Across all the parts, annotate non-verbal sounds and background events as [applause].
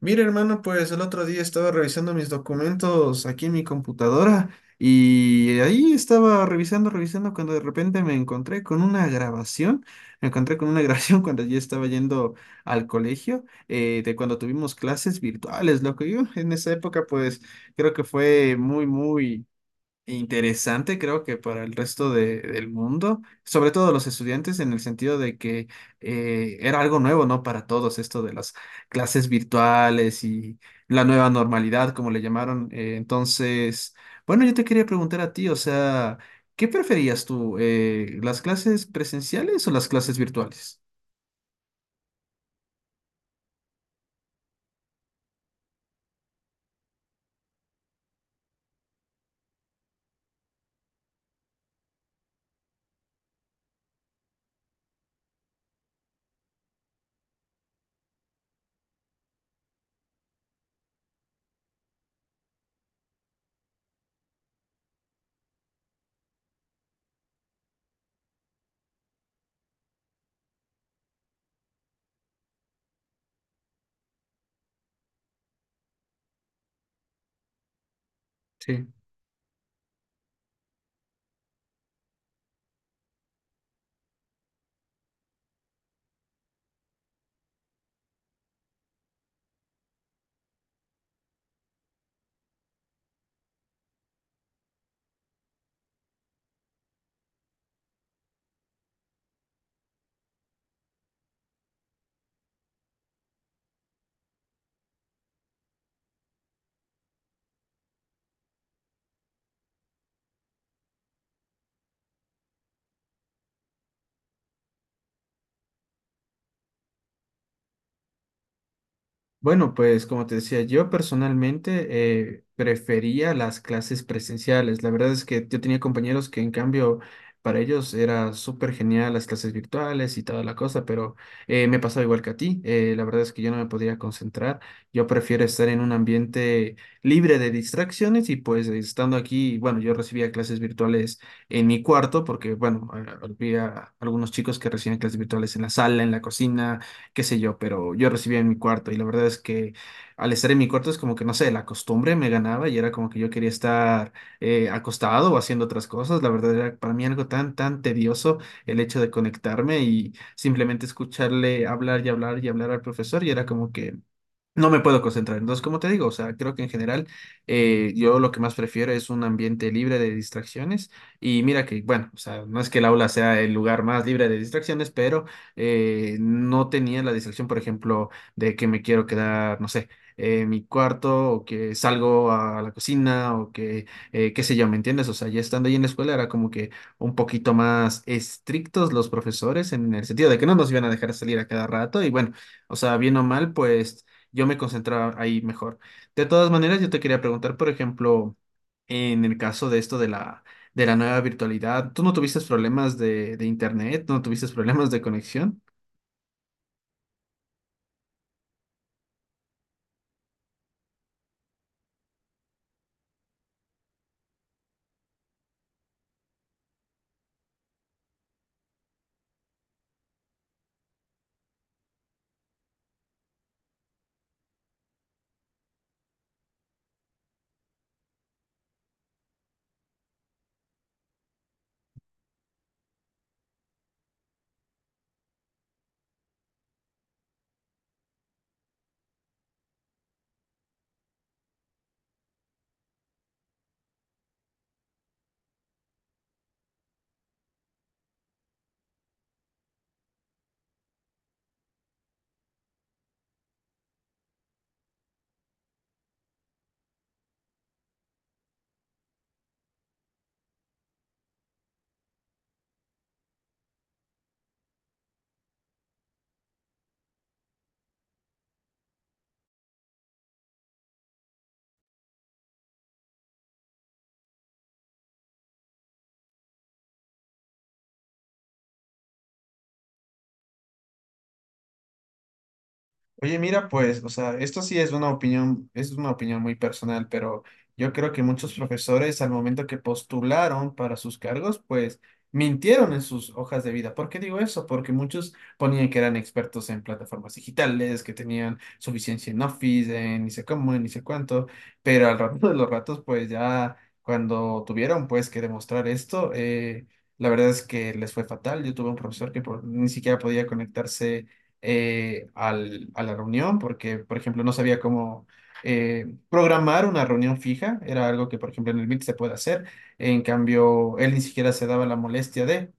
Mira, hermano, pues el otro día estaba revisando mis documentos aquí en mi computadora y ahí estaba revisando cuando de repente me encontré con una grabación, me encontré con una [laughs] grabación cuando yo estaba yendo al colegio, de cuando tuvimos clases virtuales, loco. Yo en esa época pues creo que fue muy, muy interesante. Creo que para el resto del mundo, sobre todo los estudiantes, en el sentido de que era algo nuevo, ¿no? Para todos, esto de las clases virtuales y la nueva normalidad, como le llamaron. Entonces, bueno, yo te quería preguntar a ti, o sea, ¿qué preferías tú, las clases presenciales o las clases virtuales? Sí. Bueno, pues como te decía, yo personalmente prefería las clases presenciales. La verdad es que yo tenía compañeros que en cambio para ellos era súper genial las clases virtuales y toda la cosa, pero me pasaba igual que a ti. La verdad es que yo no me podía concentrar. Yo prefiero estar en un ambiente libre de distracciones y pues estando aquí, bueno, yo recibía clases virtuales en mi cuarto porque, bueno, había algunos chicos que recibían clases virtuales en la sala, en la cocina, qué sé yo, pero yo recibía en mi cuarto, y la verdad es que al estar en mi cuarto es como que, no sé, la costumbre me ganaba y era como que yo quería estar acostado o haciendo otras cosas. La verdad era para mí algo tan, tan tedioso el hecho de conectarme y simplemente escucharle hablar y hablar y hablar al profesor y era como que... No me puedo concentrar. Entonces, como te digo, o sea, creo que en general yo lo que más prefiero es un ambiente libre de distracciones. Y mira que, bueno, o sea, no es que el aula sea el lugar más libre de distracciones, pero no tenía la distracción, por ejemplo, de que me quiero quedar, no sé, en mi cuarto o que salgo a la cocina o que, qué sé yo, ¿me entiendes? O sea, ya estando ahí en la escuela era como que un poquito más estrictos los profesores en el sentido de que no nos iban a dejar salir a cada rato, y bueno, o sea, bien o mal, pues yo me concentraba ahí mejor. De todas maneras, yo te quería preguntar, por ejemplo, en el caso de esto de la nueva virtualidad, ¿tú no tuviste problemas de internet? ¿No tuviste problemas de conexión? Oye, mira, pues, o sea, esto sí es una opinión muy personal, pero yo creo que muchos profesores al momento que postularon para sus cargos, pues mintieron en sus hojas de vida. ¿Por qué digo eso? Porque muchos ponían que eran expertos en plataformas digitales, que tenían suficiencia en Office, en ni sé cómo, en ni sé cuánto, pero al rato de los ratos, pues ya cuando tuvieron pues que demostrar esto, la verdad es que les fue fatal. Yo tuve un profesor que ni siquiera podía conectarse a la reunión porque, por ejemplo, no sabía cómo programar una reunión fija. Era algo que, por ejemplo, en el Meet se puede hacer. En cambio, él ni siquiera se daba la molestia de.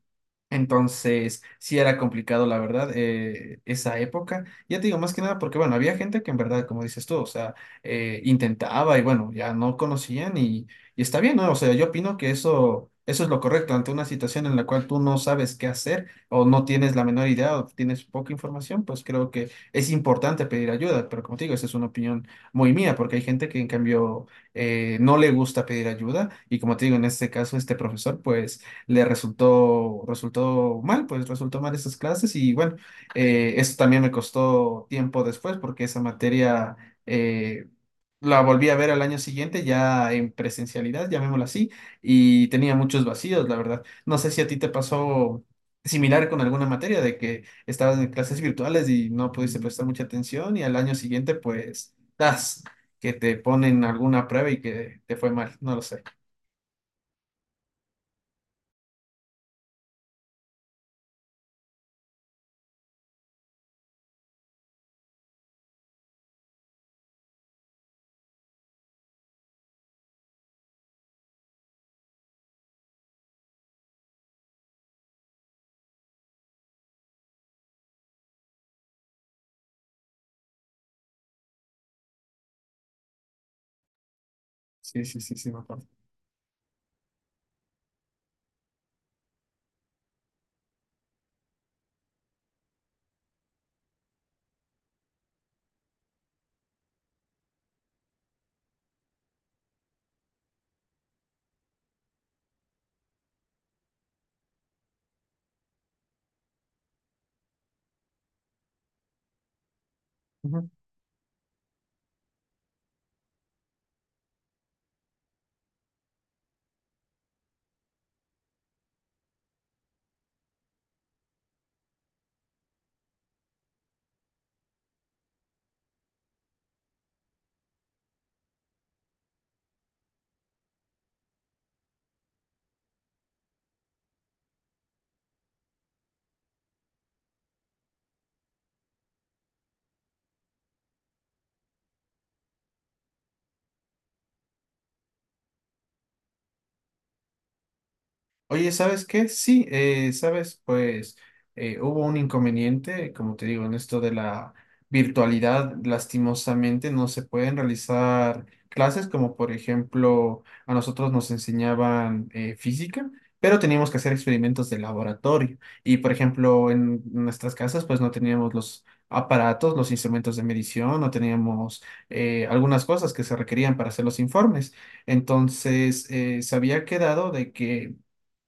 Entonces, sí era complicado, la verdad, esa época. Ya te digo, más que nada, porque bueno, había gente que en verdad, como dices tú, o sea, intentaba y bueno, ya no conocían, y está bien, ¿no? O sea, yo opino que eso es lo correcto ante una situación en la cual tú no sabes qué hacer o no tienes la menor idea o tienes poca información. Pues creo que es importante pedir ayuda, pero como te digo, esa es una opinión muy mía, porque hay gente que en cambio no le gusta pedir ayuda y como te digo, en este caso, este profesor, pues resultó mal, pues resultó mal esas clases, y bueno, eso también me costó tiempo después porque esa materia eh, la volví a ver al año siguiente ya en presencialidad, llamémoslo así, y tenía muchos vacíos, la verdad. No sé si a ti te pasó similar con alguna materia de que estabas en clases virtuales y no pudiste prestar mucha atención y al año siguiente pues, das que te ponen alguna prueba y que te fue mal, no lo sé. Sí, sí, sí, sí, me acuerdo. Oye, ¿sabes qué? Sí, sabes, pues hubo un inconveniente, como te digo, en esto de la virtualidad. Lastimosamente no se pueden realizar clases como por ejemplo a nosotros nos enseñaban física, pero teníamos que hacer experimentos de laboratorio y por ejemplo en nuestras casas pues no teníamos los aparatos, los instrumentos de medición, no teníamos algunas cosas que se requerían para hacer los informes. Entonces, se había quedado de que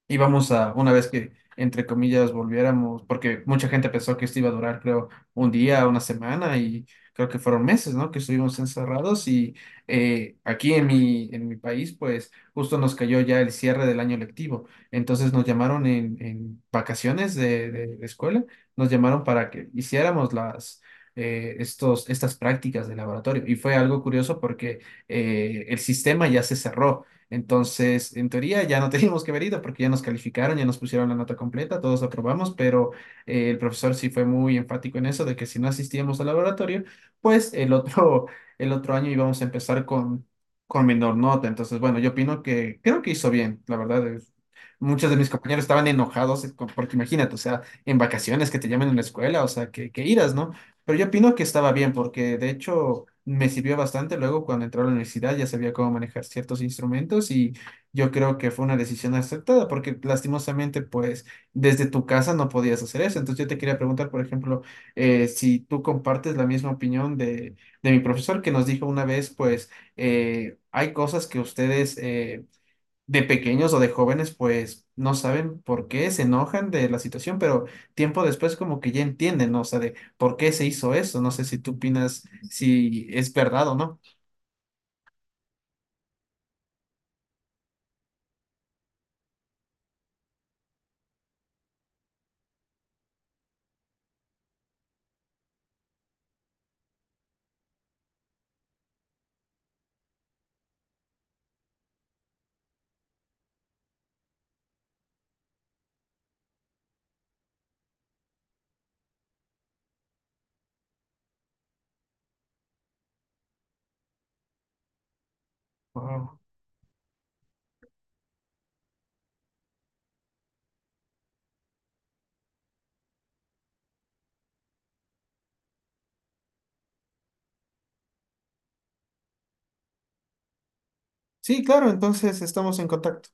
íbamos a, una vez que, entre comillas, volviéramos, porque mucha gente pensó que esto iba a durar, creo, un día, una semana, y creo que fueron meses, ¿no? Que estuvimos encerrados. Y aquí en mi país, pues justo nos cayó ya el cierre del año lectivo. Entonces nos llamaron en vacaciones de escuela, nos llamaron para que hiciéramos las... estas prácticas de laboratorio. Y fue algo curioso porque el sistema ya se cerró. Entonces, en teoría ya no [laughs] teníamos que ver ido porque ya nos calificaron, ya nos pusieron la nota completa, todos aprobamos, pero el profesor sí fue muy enfático en eso de que si no asistíamos al laboratorio, pues el otro, [laughs] el otro año íbamos a empezar con menor nota. Entonces, bueno, yo opino que creo que hizo bien, la verdad. Muchos de mis compañeros estaban enojados porque imagínate, o sea, en vacaciones que te llamen en la escuela, o sea, que iras, ¿no? Pero yo opino que estaba bien porque de hecho me sirvió bastante. Luego cuando entré a la universidad ya sabía cómo manejar ciertos instrumentos, y yo creo que fue una decisión acertada porque lastimosamente pues desde tu casa no podías hacer eso. Entonces yo te quería preguntar, por ejemplo, si tú compartes la misma opinión de mi profesor que nos dijo una vez pues hay cosas que ustedes... de pequeños o de jóvenes, pues no saben por qué se enojan de la situación, pero tiempo después como que ya entienden, ¿no? O sea, de por qué se hizo eso. No sé si tú opinas si es verdad o no. Wao. Sí, claro, entonces estamos en contacto.